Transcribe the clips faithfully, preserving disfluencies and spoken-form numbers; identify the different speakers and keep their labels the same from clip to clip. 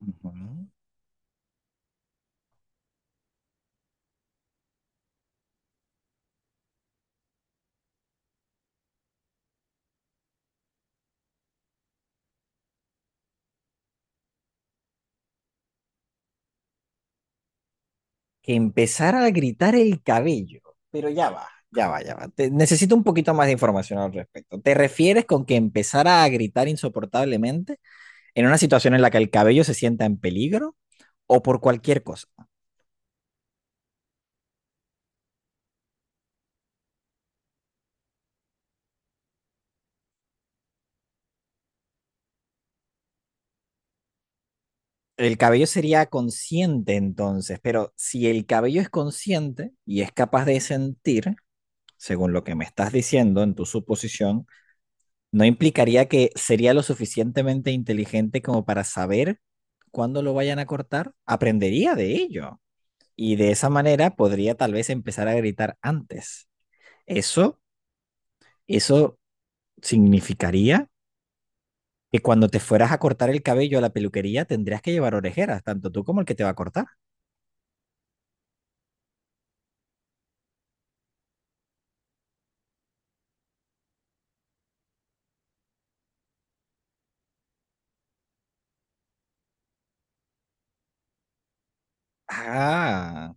Speaker 1: Ujú. Que empezara a gritar el cabello. Pero ya va, ya va, ya va. Te- necesito un poquito más de información al respecto. ¿Te refieres con que empezara a gritar insoportablemente en una situación en la que el cabello se sienta en peligro o por cualquier cosa? El cabello sería consciente entonces, pero si el cabello es consciente y es capaz de sentir, según lo que me estás diciendo en tu suposición, no implicaría que sería lo suficientemente inteligente como para saber cuándo lo vayan a cortar, aprendería de ello y de esa manera podría tal vez empezar a gritar antes. Eso, eso significaría que cuando te fueras a cortar el cabello a la peluquería tendrías que llevar orejeras, tanto tú como el que te va a cortar. Ah,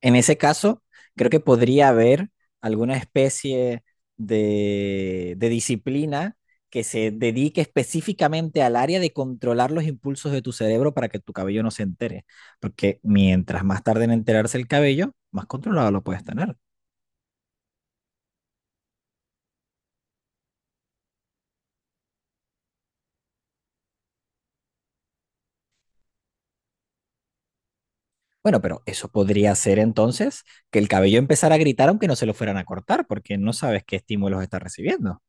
Speaker 1: en ese caso, creo que podría haber alguna especie de, de disciplina que se dedique específicamente al área de controlar los impulsos de tu cerebro para que tu cabello no se entere. Porque mientras más tarde en enterarse el cabello, más controlado lo puedes tener. Bueno, pero eso podría ser entonces que el cabello empezara a gritar aunque no se lo fueran a cortar, porque no sabes qué estímulos está recibiendo.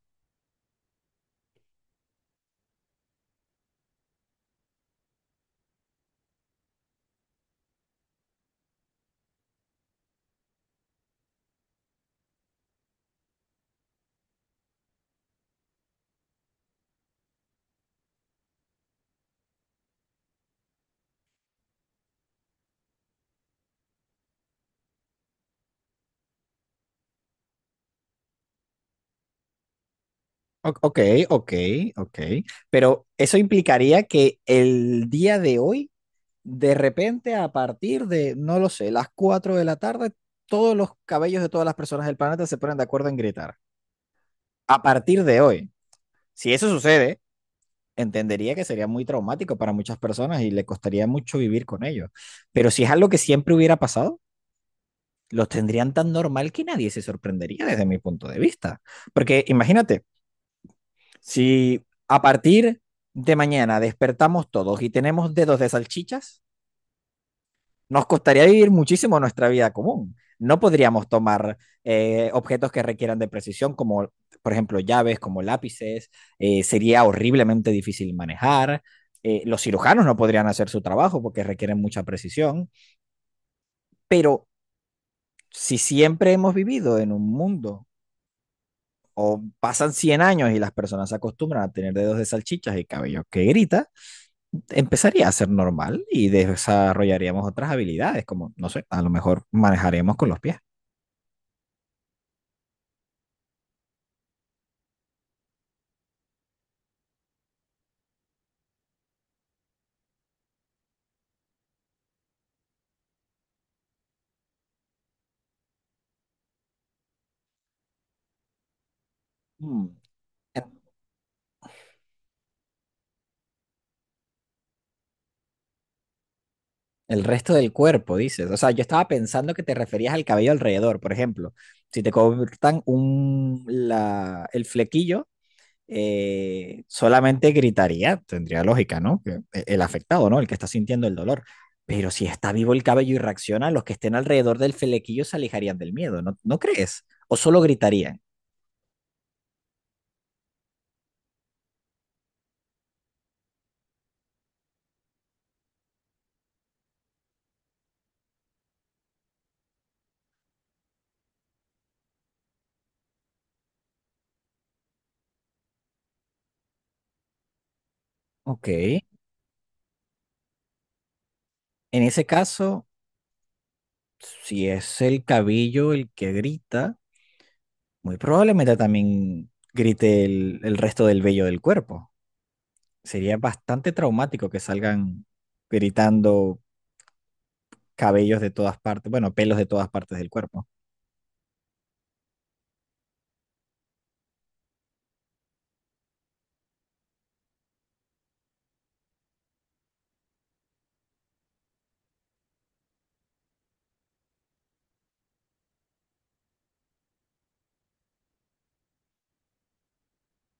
Speaker 1: O- ok, ok, ok. Pero eso implicaría que el día de hoy de repente, a partir de, no lo sé, las cuatro de la tarde, todos los cabellos de todas las personas del planeta se ponen de acuerdo en gritar. A partir de hoy, si eso sucede, entendería que sería muy traumático para muchas personas y le costaría mucho vivir con ellos. Pero si es algo que siempre hubiera pasado, los tendrían tan normal que nadie se sorprendería desde mi punto de vista. Porque imagínate, si a partir de mañana despertamos todos y tenemos dedos de salchichas, nos costaría vivir muchísimo nuestra vida común. No podríamos tomar, eh, objetos que requieran de precisión, como por ejemplo llaves, como lápices. Eh, sería horriblemente difícil manejar. Eh, los cirujanos no podrían hacer su trabajo porque requieren mucha precisión. Pero si siempre hemos vivido en un mundo o pasan cien años y las personas se acostumbran a tener dedos de salchichas y cabello que grita, empezaría a ser normal y desarrollaríamos otras habilidades, como, no sé, a lo mejor manejaremos con los pies. Mm. El resto del cuerpo, dices. O sea, yo estaba pensando que te referías al cabello alrededor. Por ejemplo, si te cortan un, la, el flequillo, eh, solamente gritaría, tendría lógica, ¿no? Que e- el afectado, ¿no? El que está sintiendo el dolor. Pero si está vivo el cabello y reacciona, los que estén alrededor del flequillo se alejarían del miedo, ¿no, no crees? O solo gritarían. Ok. En ese caso, si es el cabello el que grita, muy probablemente también grite el, el resto del vello del cuerpo. Sería bastante traumático que salgan gritando cabellos de todas partes, bueno, pelos de todas partes del cuerpo.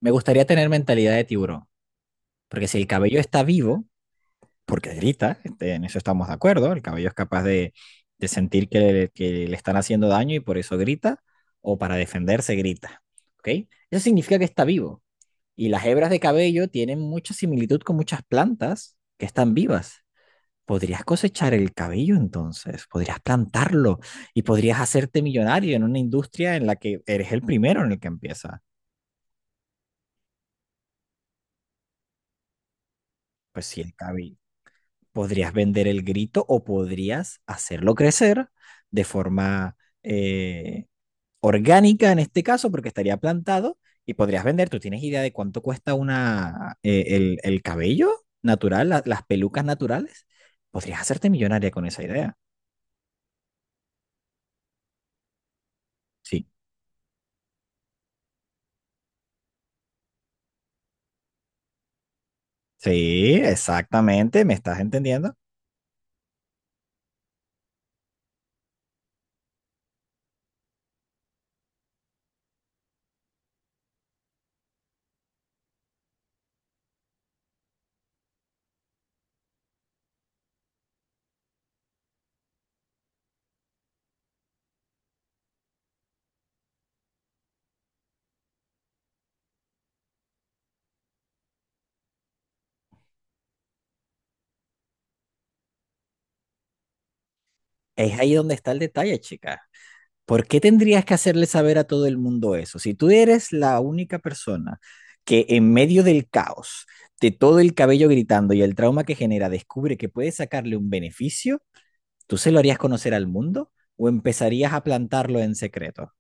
Speaker 1: Me gustaría tener mentalidad de tiburón, porque si el cabello está vivo, porque grita, este, en eso estamos de acuerdo, el cabello es capaz de, de sentir que que le están haciendo daño y por eso grita, o para defenderse grita, ¿ok? Eso significa que está vivo. Y las hebras de cabello tienen mucha similitud con muchas plantas que están vivas. Podrías cosechar el cabello entonces, podrías plantarlo y podrías hacerte millonario en una industria en la que eres el primero en el que empieza. Pues sí, el cabello. Podrías vender el grito o podrías hacerlo crecer de forma, eh, orgánica en este caso, porque estaría plantado y podrías vender. ¿Tú tienes idea de cuánto cuesta una, eh, el, el cabello natural, la- las pelucas naturales? Podrías hacerte millonaria con esa idea. Sí. Sí, exactamente, me estás entendiendo. Es ahí donde está el detalle, chica. ¿Por qué tendrías que hacerle saber a todo el mundo eso? Si tú eres la única persona que, en medio del caos, de todo el cabello gritando y el trauma que genera, descubre que puede sacarle un beneficio, ¿tú se lo harías conocer al mundo o empezarías a plantarlo en secreto?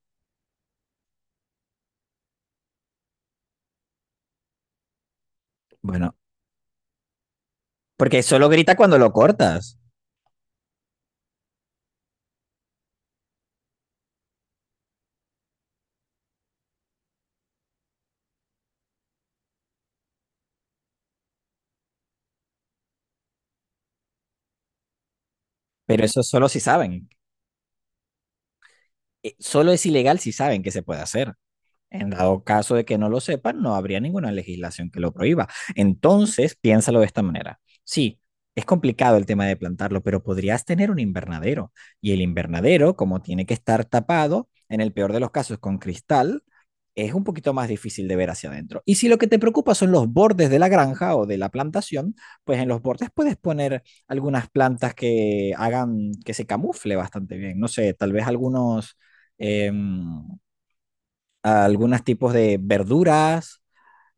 Speaker 1: Bueno, porque solo grita cuando lo cortas, pero eso solo si saben. Eh, Solo es ilegal si saben que se puede hacer. En dado caso de que no lo sepan, no habría ninguna legislación que lo prohíba. Entonces, piénsalo de esta manera. Sí, es complicado el tema de plantarlo, pero podrías tener un invernadero. Y el invernadero, como tiene que estar tapado, en el peor de los casos con cristal, es un poquito más difícil de ver hacia adentro. Y si lo que te preocupa son los bordes de la granja o de la plantación, pues en los bordes puedes poner algunas plantas que hagan que se camufle bastante bien. No sé, tal vez algunos... em, a algunos tipos de verduras,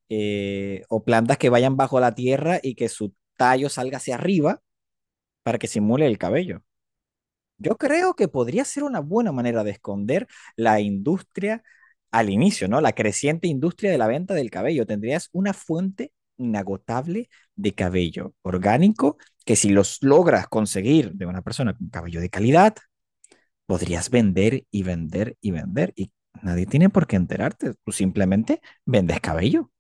Speaker 1: eh, o plantas que vayan bajo la tierra y que su tallo salga hacia arriba para que simule el cabello. Yo creo que podría ser una buena manera de esconder la industria al inicio, ¿no? La creciente industria de la venta del cabello. Tendrías una fuente inagotable de cabello orgánico que, si los logras conseguir de una persona con cabello de calidad, podrías vender y vender y vender y nadie tiene por qué enterarte. Tú simplemente vendes cabello.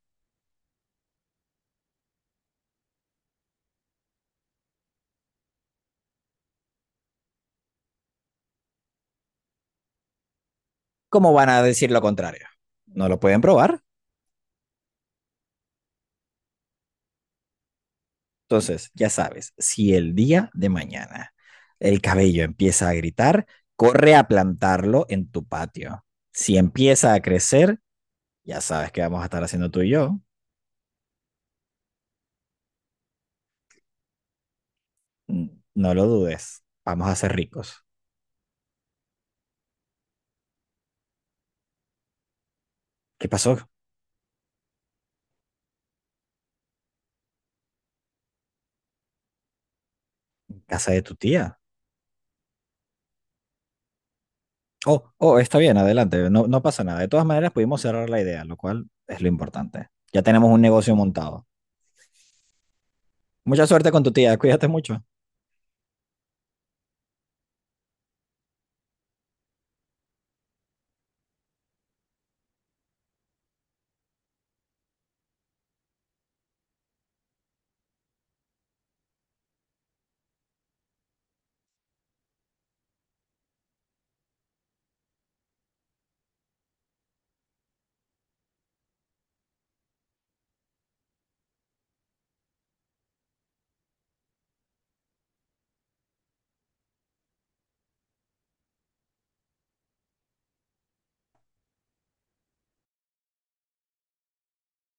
Speaker 1: ¿Cómo van a decir lo contrario? No lo pueden probar. Entonces, ya sabes, si el día de mañana el cabello empieza a gritar, corre a plantarlo en tu patio. Si empieza a crecer, ya sabes qué vamos a estar haciendo tú y yo. Mm, no lo dudes. Vamos a ser ricos. ¿Qué pasó? Casa de tu tía. Oh, oh, está bien, adelante, no, no pasa nada. De todas maneras, pudimos cerrar la idea, lo cual es lo importante. Ya tenemos un negocio montado. Mucha suerte con tu tía, cuídate mucho.